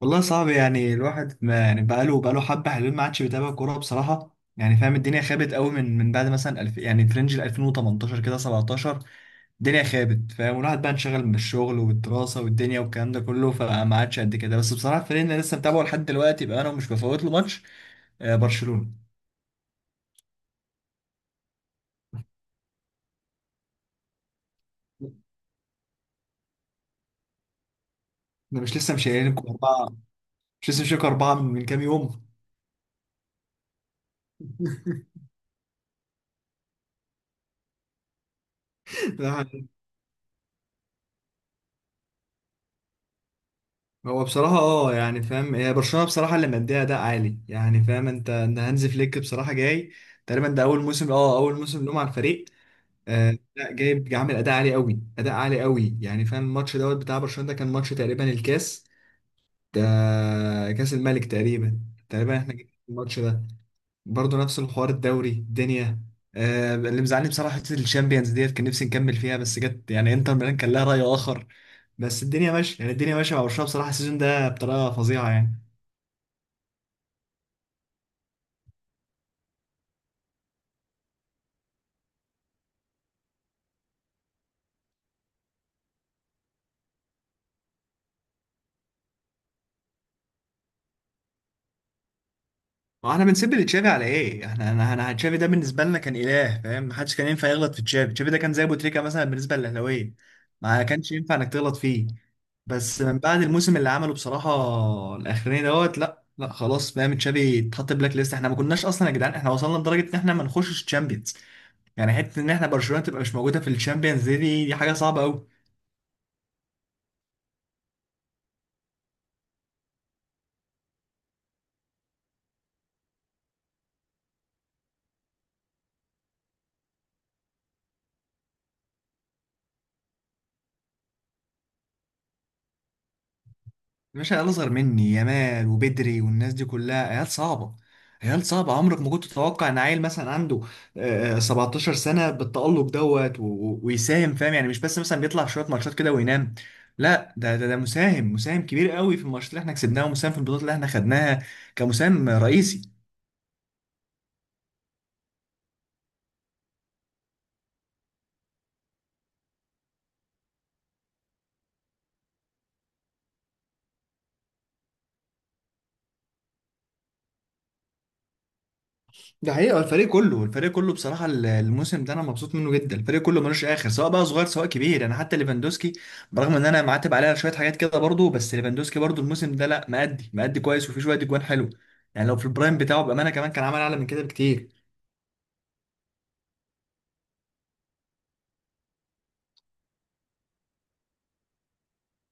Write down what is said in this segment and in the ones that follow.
والله صعب، يعني الواحد ما يعني بقاله حبة حلوين ما عادش بيتابع كورة بصراحة، يعني فاهم، الدنيا خابت قوي من بعد مثلا الف يعني فرنج ال 2018 كده 17. الدنيا خابت فاهم، والواحد بقى انشغل من الشغل والدراسة والدنيا والكلام ده كله، فما عادش قد كده. بس بصراحة الفريق اللي أنا لسه متابعه لحد دلوقتي بقى انا مش بفوت له ماتش. برشلونة. انا مش لسه مشيلينكم أربعة؟ مش لسه مشيلكم أربعة من كام يوم؟ هو بصراحة يعني فاهم، هي برشلونة بصراحة اللي مديها أداء عالي، يعني فاهم انت ان هانز فليك بصراحة جاي. تقريبا ده أول موسم، أول موسم لهم على الفريق. آه لا، جايب جاي عامل أداء عالي قوي، أداء عالي قوي، يعني فاهم. الماتش دوت بتاع برشلونة ده كان ماتش تقريبا الكاس ده، كاس الملك تقريبا. تقريبا احنا جبنا الماتش ده. برضه نفس الحوار الدوري الدنيا. آه، اللي مزعلني بصراحه حته الشامبيونز ديت، كان نفسي نكمل فيها بس جت يعني انتر ميلان كان لها راي اخر. بس الدنيا ماشيه، يعني الدنيا ماشيه مع برشلونه بصراحه السيزون ده بطريقه فظيعه يعني. ما احنا بنسب لتشافي على ايه؟ احنا انا تشافي ده بالنسبه لنا كان اله، فاهم؟ ما حدش كان ينفع يغلط في تشافي، تشافي ده كان زي ابو تريكه مثلا بالنسبه للاهلاويه. ما كانش ينفع انك تغلط فيه. بس من بعد الموسم اللي عمله بصراحه الاخراني دوت، لا خلاص فاهم، تشافي اتحط بلاك ليست. احنا ما كناش اصلا يا جدعان، احنا وصلنا لدرجه ان احنا ما نخشش تشامبيونز، يعني حته ان احنا برشلونه تبقى مش موجوده في الشامبيونز، دي حاجه صعبه قوي. مش عيال اصغر مني، يامال وبدري والناس دي كلها عيال صعبه. عيال صعبه، عمرك ما كنت تتوقع ان عيل مثلا عنده 17 سنه بالتألق دوت و- و- ويساهم، فاهم يعني مش بس مثلا بيطلع شويه ماتشات كده وينام. لا ده مساهم، مساهم كبير قوي في الماتشات اللي احنا كسبناها، ومساهم في البطولات اللي احنا خدناها كمساهم رئيسي. ده حقيقة الفريق كله، الفريق كله بصراحة الموسم ده أنا مبسوط منه جدا، الفريق كله ملوش آخر سواء بقى صغير سواء كبير، يعني حتى ليفاندوسكي برغم إن أنا معاتب عليه على شوية حاجات كده برضه، بس ليفاندوسكي برضه الموسم ده لا، مأدي مأدي كويس وفي شوية أجوان حلو. يعني لو في البرايم بتاعه بأمانة كمان كان عمل أعلى من كده بكتير.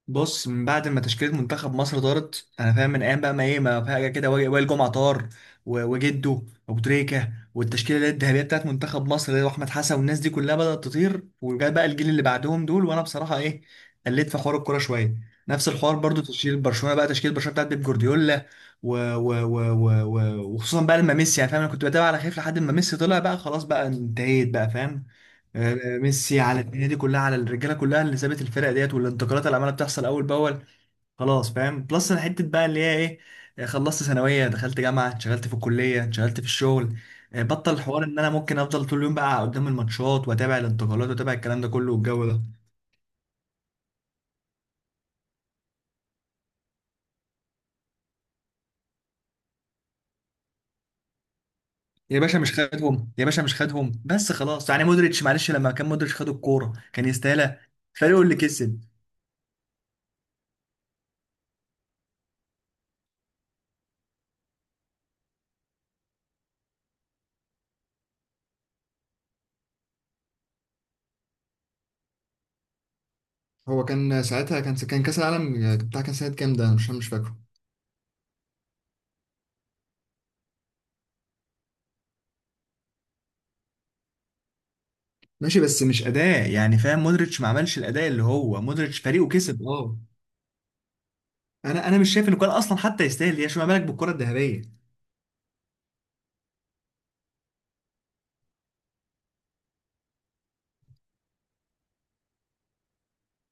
بص من بعد ما تشكيلة منتخب مصر طارت، انا فاهم، من ايام بقى ما ايه ما فجأة كده وائل جمعة طار، و- وجده، وابو تريكة، والتشكيلة اللي هي الذهبية بتاعت منتخب مصر اللي هو احمد حسن والناس دي كلها بدأت تطير، وجاء بقى الجيل اللي بعدهم دول، وانا بصراحة ايه، قلت في حوار الكورة شوية. نفس الحوار برضو تشكيل برشلونة بقى، تشكيل برشلونة بتاعت بيب جوارديولا، و... و... و... و... و... وخصوصا بقى لما ميسي، يعني فاهم، انا كنت بتابع على خايف لحد ما ميسي طلع بقى، خلاص بقى انتهيت بقى فاهم. ميسي على الدنيا دي كلها، على الرجاله كلها اللي سابت الفرق ديت، والانتقالات اللي عماله بتحصل اول باول، خلاص فاهم بلس. انا حته بقى اللي هي ايه، خلصت ثانويه، دخلت جامعه، اتشغلت في الكليه، اتشغلت في الشغل، بطل الحوار ان انا ممكن افضل طول اليوم بقى قدام الماتشات واتابع الانتقالات واتابع الكلام ده كله والجو ده. يا باشا مش خدهم، يا باشا مش خدهم بس خلاص، يعني مودريتش معلش، لما كان مودريتش خد الكوره كان يستاهلها، فريقه اللي كسب. هو كان ساعتها، كان كاس العالم بتاع كان سنه كام ده، انا مش فاكره. ماشي بس مش اداء، يعني فاهم، مودريتش ما عملش الاداء اللي هو، مودريتش فريقه كسب، اه. انا مش شايف انه كان اصلا حتى يستاهل، يا شو ما بالك بالكره الذهبيه.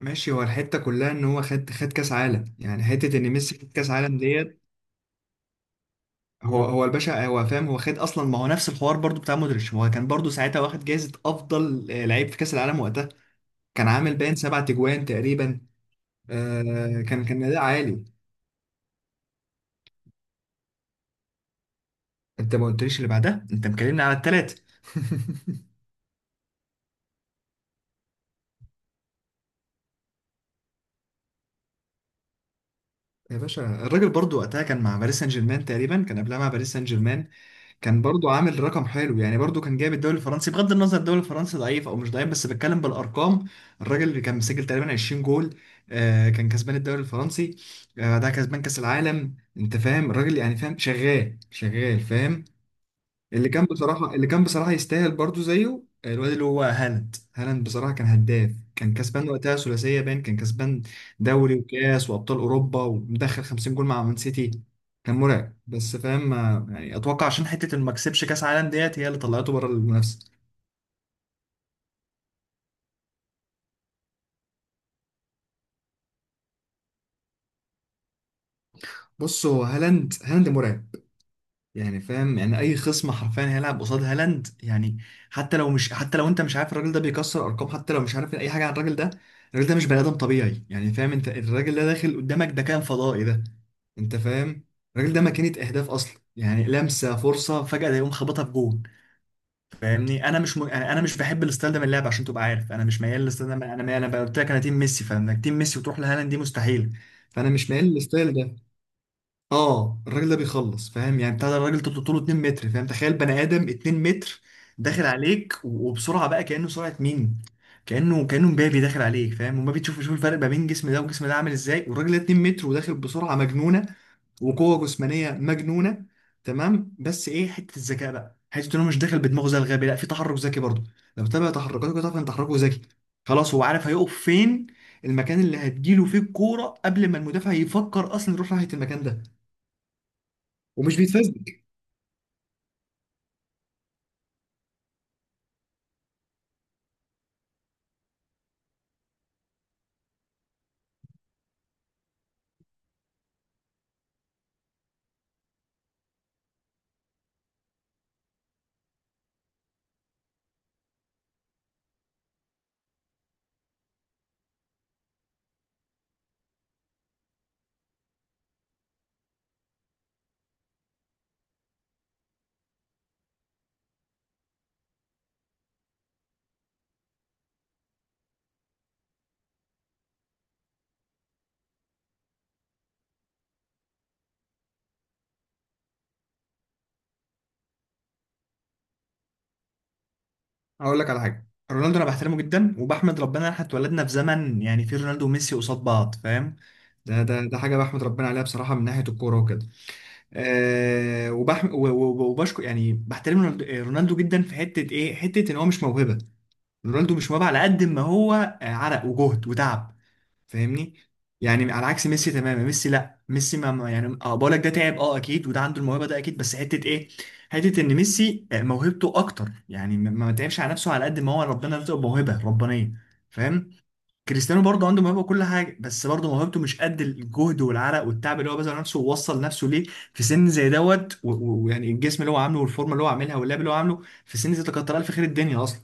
ماشي، هو الحته كلها ان هو خد، خد كاس عالم، يعني حته ان ميسي خد كاس عالم ديت. هو الباشا، هو فاهم، هو خد اصلا، ما هو نفس الحوار برضو بتاع مودريتش، هو كان برضو ساعتها واخد جائزه افضل، لعيب في كاس العالم وقتها، كان عامل باين سبع تجوان تقريبا. آه، كان اداء عالي. انت ما قلتليش اللي بعدها، انت مكلمني على الثلاثه. يا باشا الراجل برضو وقتها كان مع باريس سان جيرمان، تقريبا كان قبلها مع باريس سان جيرمان، كان برضو عامل رقم حلو، يعني برضو كان جايب الدوري الفرنسي، بغض النظر الدوري الفرنسي ضعيف او مش ضعيف، بس بتكلم بالارقام. الراجل اللي كان مسجل تقريبا 20 جول، آه، كان كسبان الدوري الفرنسي، آه ده كسبان كاس العالم، انت فاهم الراجل، يعني فاهم شغال شغال فاهم. اللي كان بصراحة، اللي كان بصراحة يستاهل برضو زيه الواد اللي هو هالاند، هالاند بصراحة كان هداف، كان كسبان وقتها ثلاثية باين، كان كسبان دوري وكاس وأبطال أوروبا، ومدخل 50 جول مع مان سيتي، كان مرعب. بس فاهم يعني أتوقع عشان حتة إنه ما كسبش كأس عالم ديت هي اللي طلعته بره المنافسة. بص هو هالاند، هالاند مرعب، يعني فاهم، يعني اي خصم حرفيا هيلعب قصاد هالاند، يعني حتى لو مش، حتى لو انت مش عارف الراجل ده بيكسر ارقام، حتى لو مش عارف اي حاجه عن الراجل ده، الراجل ده مش بني ادم طبيعي، يعني فاهم انت، الراجل ده داخل قدامك ده كان فضائي ده، انت فاهم. الراجل ده ماكينه اهداف اصلا، يعني لمسه فرصه فجاه ده يقوم خبطها في جون. فاهمني، انا مش م... يعني انا مش بحب الستايل ده من اللعب، عشان تبقى عارف انا مش ميال للستايل ده. انا قلت لك انا تيم ميسي، فانك تيم ميسي وتروح لهالاند دي مستحيل. فانا مش ميال للستايل ده. اه الراجل ده بيخلص فاهم، يعني بتاع ده الراجل طول طوله 2 متر، فاهم، تخيل بني ادم 2 متر داخل عليك و- وبسرعه بقى كانه سرعه مين، كانه مبابي داخل عليك، فاهم، وما بتشوف، شوف الفرق ما بين جسم ده وجسم ده عامل ازاي، والراجل ده 2 متر وداخل بسرعه مجنونه وقوه جسمانيه مجنونه. تمام بس ايه، حته الذكاء بقى، حته انه مش داخل بدماغه زي الغبي، لا في تحرك ذكي برضه. لو تتابع تحركاته كده تعرف ان تحركه ذكي، خلاص هو عارف هيقف فين، المكان اللي هتجيله فيه الكوره قبل ما المدافع يفكر اصلا يروح ناحيه المكان ده، ومش بيتفزلك. هقول لك على حاجه، رونالدو انا بحترمه جدا، وبحمد ربنا ان احنا اتولدنا في زمن يعني فيه رونالدو وميسي قصاد بعض فاهم، ده ده حاجه بحمد ربنا عليها بصراحه من ناحيه الكوره وكده. أه و- و- وبشكر، يعني بحترم رونالدو، رونالدو جدا في حته ايه، حته ان هو مش موهبه. رونالدو مش موهبه على قد ما هو عرق وجهد وتعب، فاهمني. يعني على عكس ميسي تماما، ميسي لا، ميسي بقولك ده تعب اه اكيد، وده عنده الموهبه ده اكيد، بس حته ايه، حته ان ميسي موهبته اكتر، يعني ما تعبش على نفسه على قد ما هو ربنا رزقه موهبه ربانيه، فاهم. كريستيانو برضه عنده موهبه وكل حاجه، بس برضه موهبته مش قد الجهد والعرق والتعب اللي هو بذل نفسه ووصل نفسه ليه في سن زي دوت و- و- ويعني الجسم اللي هو عامله والفورمه اللي هو عاملها واللعب اللي هو عامله في سن زي ده، كتر الف خير الدنيا اصلا.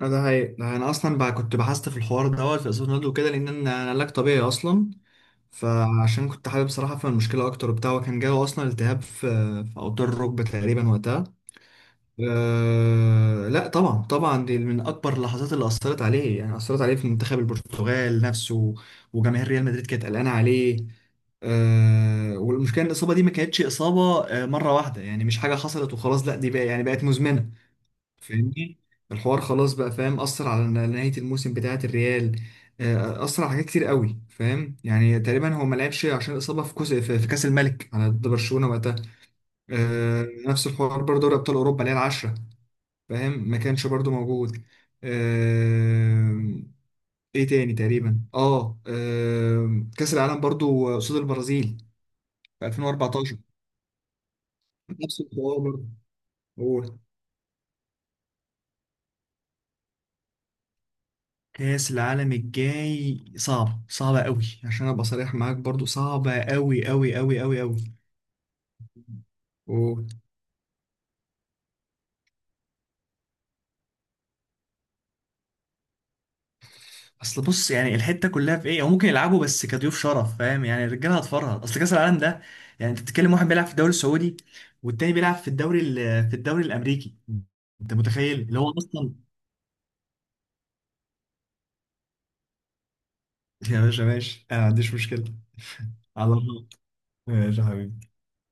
لا ده هي ده، انا اصلا بقى كنت بحثت في الحوار دوت في اسباب نضج وكده، لان انا علاج طبيعي اصلا، فعشان كنت حابب صراحه افهم المشكله اكتر وبتاع. وكان جاله اصلا التهاب في اوتار الركبه تقريبا وقتها. أه لا طبعا طبعا، دي من اكبر اللحظات اللي اثرت عليه، يعني اثرت عليه في منتخب البرتغال نفسه، وجماهير ريال مدريد كانت قلقانه عليه. أه، والمشكله ان الاصابه دي ما كانتش اصابه مره واحده، يعني مش حاجه حصلت وخلاص، لا دي بقى يعني بقت مزمنه، فاهمني. الحوار خلاص بقى فاهم، أثر على نهاية الموسم بتاعة الريال. أثر على حاجات كتير قوي، فاهم. يعني تقريبا هو ما لعبش عشان إصابة في كوس في في كأس الملك على ضد برشلونة وقتها. نفس الحوار برضه دوري أبطال أوروبا اللي هي العشرة، فاهم، ما كانش برضه موجود. آه، إيه تاني تقريبا أه آه، كأس العالم برضه قصاد البرازيل في 2014. نفس الحوار برضه. كأس العالم الجاي صعب، صعبة قوي عشان ابقى صريح معاك، برضو صعبة قوي قوي قوي قوي قوي. و... اصل بص، يعني الحتة كلها في ايه، هو ممكن يلعبوا بس كضيوف شرف، فاهم، يعني الرجاله هتفرهد، اصل كأس العالم ده يعني، انت بتتكلم واحد بيلعب في الدوري السعودي، والتاني بيلعب في الدوري الامريكي. انت متخيل اللي هو اصلا يا باشا ماشي انا ما عنديش مشكلة. على الله. ماشي يا حبيبي.